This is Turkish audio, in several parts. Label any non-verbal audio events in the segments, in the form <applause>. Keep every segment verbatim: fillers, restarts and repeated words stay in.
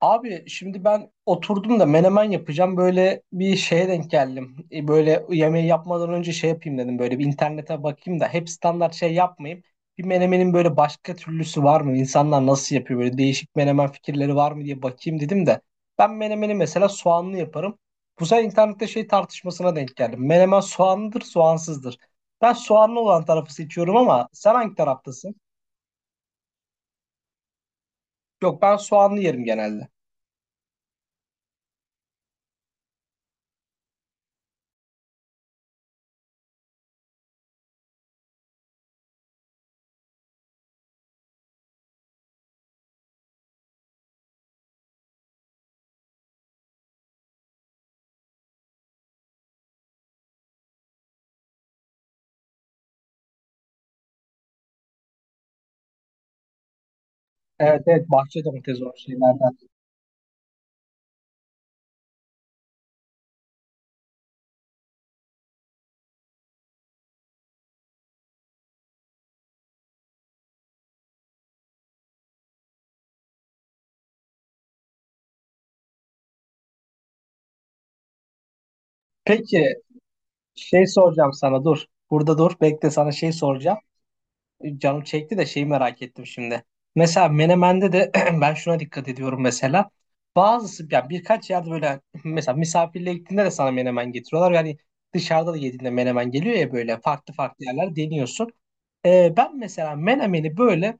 Abi şimdi ben oturdum da menemen yapacağım. Böyle bir şeye denk geldim. E, Böyle yemeği yapmadan önce şey yapayım dedim. Böyle bir internete bakayım da hep standart şey yapmayayım. Bir menemenin böyle başka türlüsü var mı? İnsanlar nasıl yapıyor? Böyle değişik menemen fikirleri var mı diye bakayım dedim de. Ben menemeni mesela soğanlı yaparım. Bu sefer internette şey tartışmasına denk geldim. Menemen soğanlıdır, soğansızdır. Ben soğanlı olan tarafı seçiyorum ama sen hangi taraftasın? Yok, ben soğanlı yerim genelde. Evet, evet, bahçe domatesi o şeylerden. Peki, Şey soracağım sana, dur. Burada dur. Bekle, sana şey soracağım. Canım çekti de şeyi merak ettim şimdi. Mesela Menemen'de de <clears throat> ben şuna dikkat ediyorum mesela. Bazısı yani birkaç yerde böyle <clears throat> mesela misafirliğe gittiğinde de sana menemen getiriyorlar. Yani dışarıda da yediğinde menemen geliyor ya, böyle farklı farklı yerler deniyorsun. Ee, ben mesela menemeni böyle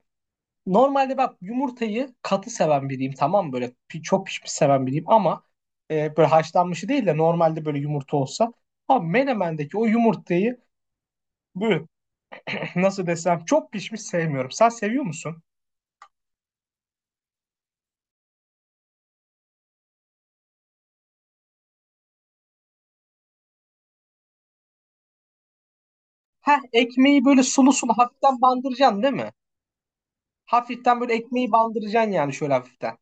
normalde, bak, yumurtayı katı seven biriyim, tamam mı? Böyle pi- çok pişmiş seven biriyim ama e, böyle haşlanmışı değil de normalde böyle yumurta olsa. Ama menemendeki o yumurtayı böyle, nasıl desem, çok pişmiş sevmiyorum. Sen seviyor musun? Heh, ekmeği böyle sulu sulu hafiften bandıracaksın değil mi? Hafiften böyle ekmeği bandıracaksın yani, şöyle hafiften.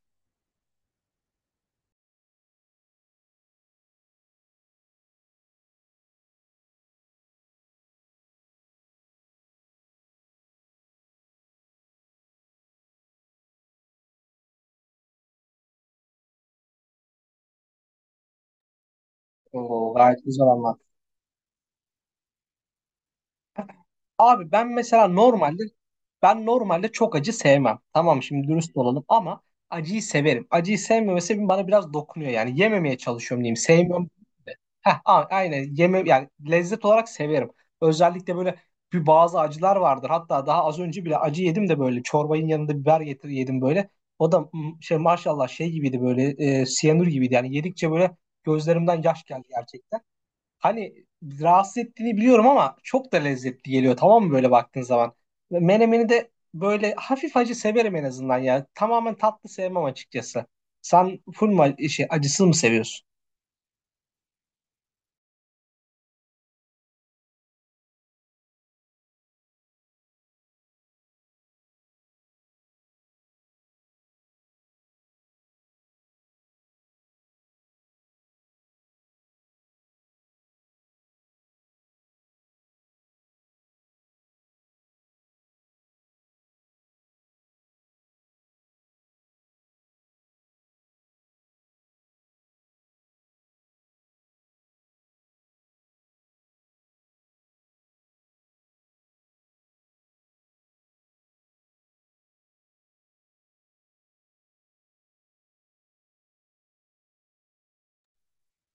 Oo, gayet güzel anlat. Abi ben mesela normalde, ben normalde çok acı sevmem. Tamam, şimdi dürüst olalım, ama acıyı severim. Acıyı sevmemesi bana biraz dokunuyor yani. Yememeye çalışıyorum diyeyim. Sevmiyorum. Heh, a- aynen, yeme yani, lezzet olarak severim. Özellikle böyle bir bazı acılar vardır. Hatta daha az önce bile acı yedim de, böyle çorbanın yanında biber getir, yedim böyle. O da mm, şey, maşallah şey gibiydi, böyle e, siyanür gibiydi. Yani yedikçe böyle gözlerimden yaş geldi gerçekten. Hani rahatsız ettiğini biliyorum ama çok da lezzetli geliyor, tamam mı, böyle baktığın zaman. Ve menemeni de böyle hafif acı severim en azından yani. Tamamen tatlı sevmem açıkçası. Sen full mu acı- şey, acısız mı seviyorsun?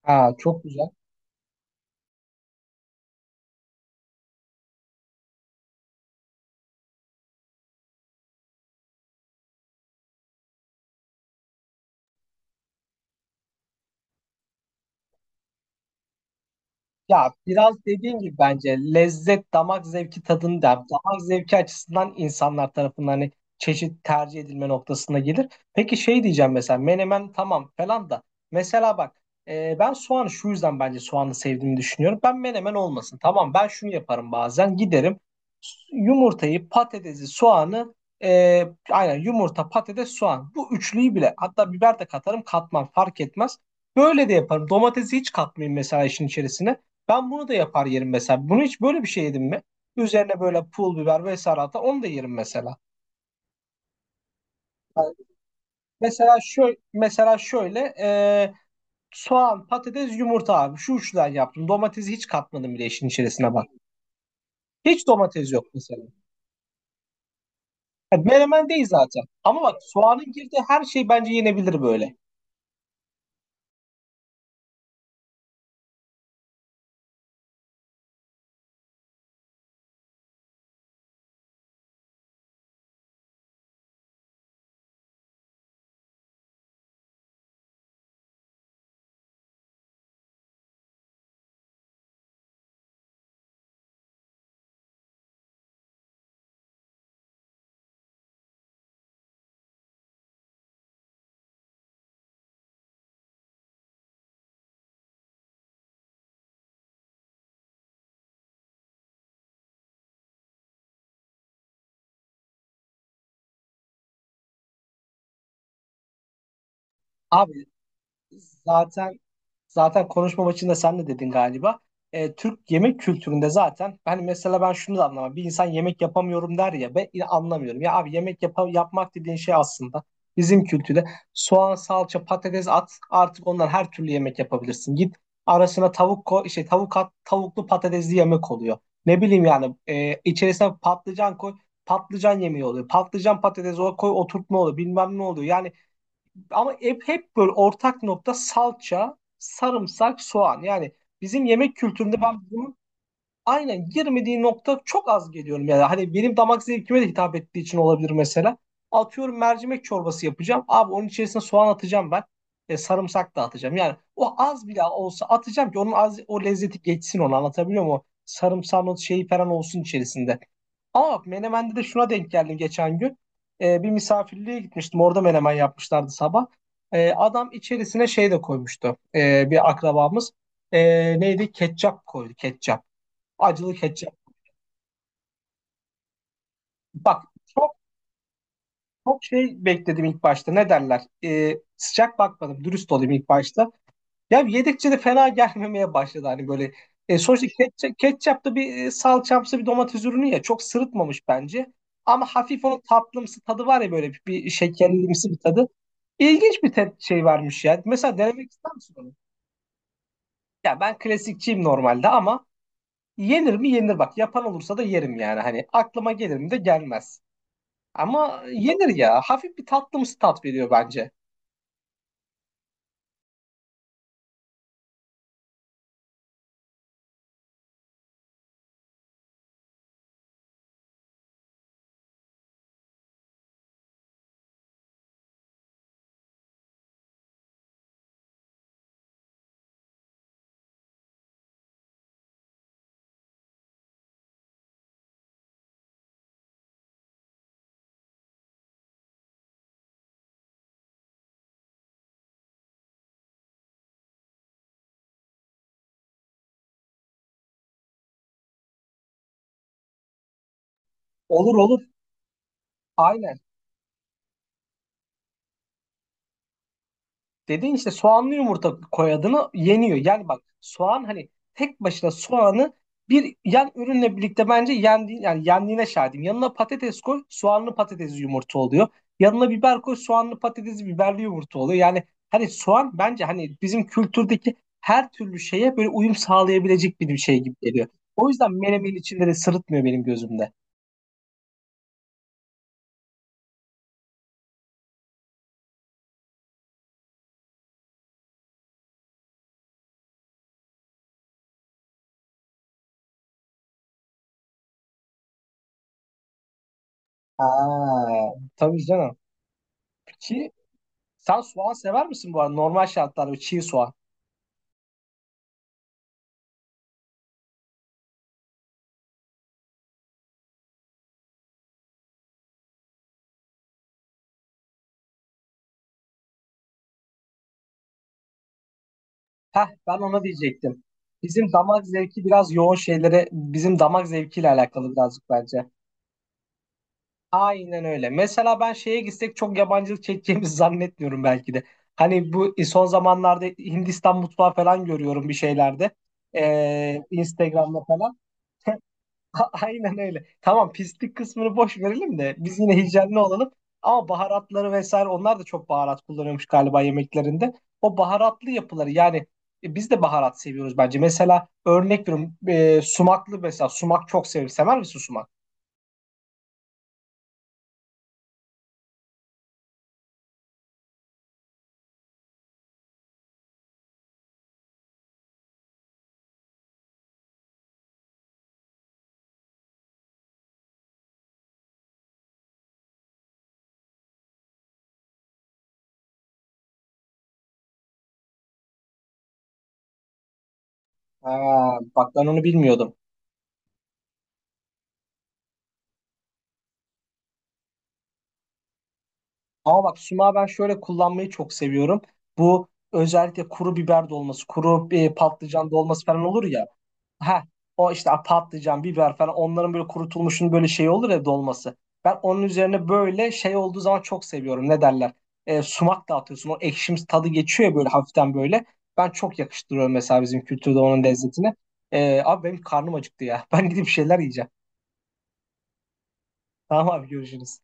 Ha, çok güzel. Ya biraz dediğim gibi, bence lezzet damak zevki tadını der. Damak zevki açısından insanlar tarafından hani çeşit tercih edilme noktasına gelir. Peki, şey diyeceğim, mesela menemen tamam falan da, mesela bak, e, ben soğanı şu yüzden, bence soğanı sevdiğimi düşünüyorum. Ben menemen olmasın, tamam, ben şunu yaparım, bazen giderim, yumurtayı, patatesi, soğanı, e, aynen, yumurta, patates, soğan, bu üçlüyü bile, hatta biber de katarım, katmam fark etmez. Böyle de yaparım. Domatesi hiç katmayayım mesela işin içerisine. Ben bunu da yapar yerim mesela. Bunu hiç böyle bir şey yedim mi? Üzerine böyle pul biber vesaire atar. Onu da yerim mesela. Yani, mesela şöyle, mesela şöyle, e, soğan, patates, yumurta abi. Şu üçten yaptım. Domatesi hiç katmadım bile işin içerisine, bak. Hiç domates yok mesela. Yani menemen değil zaten. Ama bak, soğanın girdiği her şey bence yenebilir böyle. Abi zaten, zaten konuşma maçında sen de dedin galiba. E, Türk yemek kültüründe zaten, hani mesela ben şunu da anlamam. Bir insan "yemek yapamıyorum" der ya, ben yine anlamıyorum. Ya abi, yemek yap yapmak dediğin şey aslında bizim kültürde, soğan, salça, patates at, artık ondan her türlü yemek yapabilirsin. Git, arasına tavuk koy, şey, tavuk at, tavuklu patatesli yemek oluyor. Ne bileyim yani, e, içerisine patlıcan koy, patlıcan yemeği oluyor. Patlıcan, patates, o koy, oturtma oluyor, bilmem ne oluyor. Yani, ama hep, hep böyle ortak nokta salça, sarımsak, soğan. Yani bizim yemek kültüründe ben bunun aynen girmediği nokta çok az geliyorum. Yani hani benim damak zevkime de hitap ettiği için olabilir mesela. Atıyorum mercimek çorbası yapacağım. Abi, onun içerisine soğan atacağım ben. E, sarımsak da atacağım. Yani o az bile olsa atacağım ki, onun az, o lezzeti geçsin, onu anlatabiliyor muyum? O sarımsağın o şeyi falan olsun içerisinde. Ama Menemen'de de şuna denk geldim geçen gün. Ee, bir misafirliğe gitmiştim. Orada menemen yapmışlardı sabah. Ee, adam içerisine şey de koymuştu. Ee, bir akrabamız. Ee, neydi? Ketçap koydu. Ketçap. Acılı ketçap. Bak, çok çok şey bekledim ilk başta. Ne derler? Ee, sıcak bakmadım. Dürüst olayım ilk başta. Ya yedikçe de fena <laughs> gelmemeye başladı hani böyle. E, sonuçta ketçap, ketçap da bir e, salçamsı bir domates ürünü ya, çok sırıtmamış bence. Ama hafif o tatlımsı tadı var ya, böyle bir, bir şekerlimsi bir tadı. İlginç bir te- şey vermiş ya. Mesela denemek ister misin onu? Ya ben klasikçiyim normalde ama, yenir mi yenir bak. Yapan olursa da yerim yani, hani aklıma gelir mi de, gelmez. Ama yenir ya. Hafif bir tatlımsı tat veriyor bence. Olur olur. Aynen. Dediğin işte, soğanlı yumurta koyadığını yeniyor. Yani bak, soğan hani tek başına, soğanı bir yan ürünle birlikte bence yendi, yani yendiğine şahidim. Yanına patates koy, soğanlı patatesli yumurta oluyor. Yanına biber koy, soğanlı patatesli biberli yumurta oluyor. Yani hani soğan bence hani bizim kültürdeki her türlü şeye böyle uyum sağlayabilecek bir şey gibi geliyor. O yüzden menemenin içinde de sırıtmıyor benim gözümde. Aa, tabii canım. Ki sen soğan sever misin bu arada? Normal şartlarda, çiğ soğan. Heh, ben ona diyecektim. Bizim damak zevki biraz yoğun şeylere, bizim damak zevkiyle alakalı birazcık bence. Aynen öyle. Mesela ben şeye gitsek çok yabancılık çekeceğimizi zannetmiyorum belki de. Hani bu son zamanlarda Hindistan mutfağı falan görüyorum bir şeylerde. Ee, Instagram'da falan. <laughs> A- Aynen öyle. Tamam, pislik kısmını boş verelim de biz yine hijyenli olalım. Ama baharatları vesaire, onlar da çok baharat kullanıyormuş galiba yemeklerinde. O baharatlı yapıları yani, e, biz de baharat seviyoruz bence. Mesela örnek veriyorum, e, sumaklı, mesela sumak çok severim. Sever misin sumak? Ha, bak, ben onu bilmiyordum. Ama bak, sumağı ben şöyle kullanmayı çok seviyorum. Bu özellikle kuru biber dolması, kuru e, patlıcan dolması falan olur ya. Ha, o işte patlıcan, biber falan, onların böyle kurutulmuşun böyle şey olur ya, dolması. Ben onun üzerine böyle şey olduğu zaman çok seviyorum. Ne derler? E, sumak dağıtıyorsun. O ekşimsi tadı geçiyor ya, böyle hafiften böyle. Ben çok yakıştırıyorum mesela bizim kültürde onun lezzetine. E, abi benim karnım acıktı ya. <laughs> Ben gidip bir şeyler yiyeceğim. Tamam abi, görüşürüz.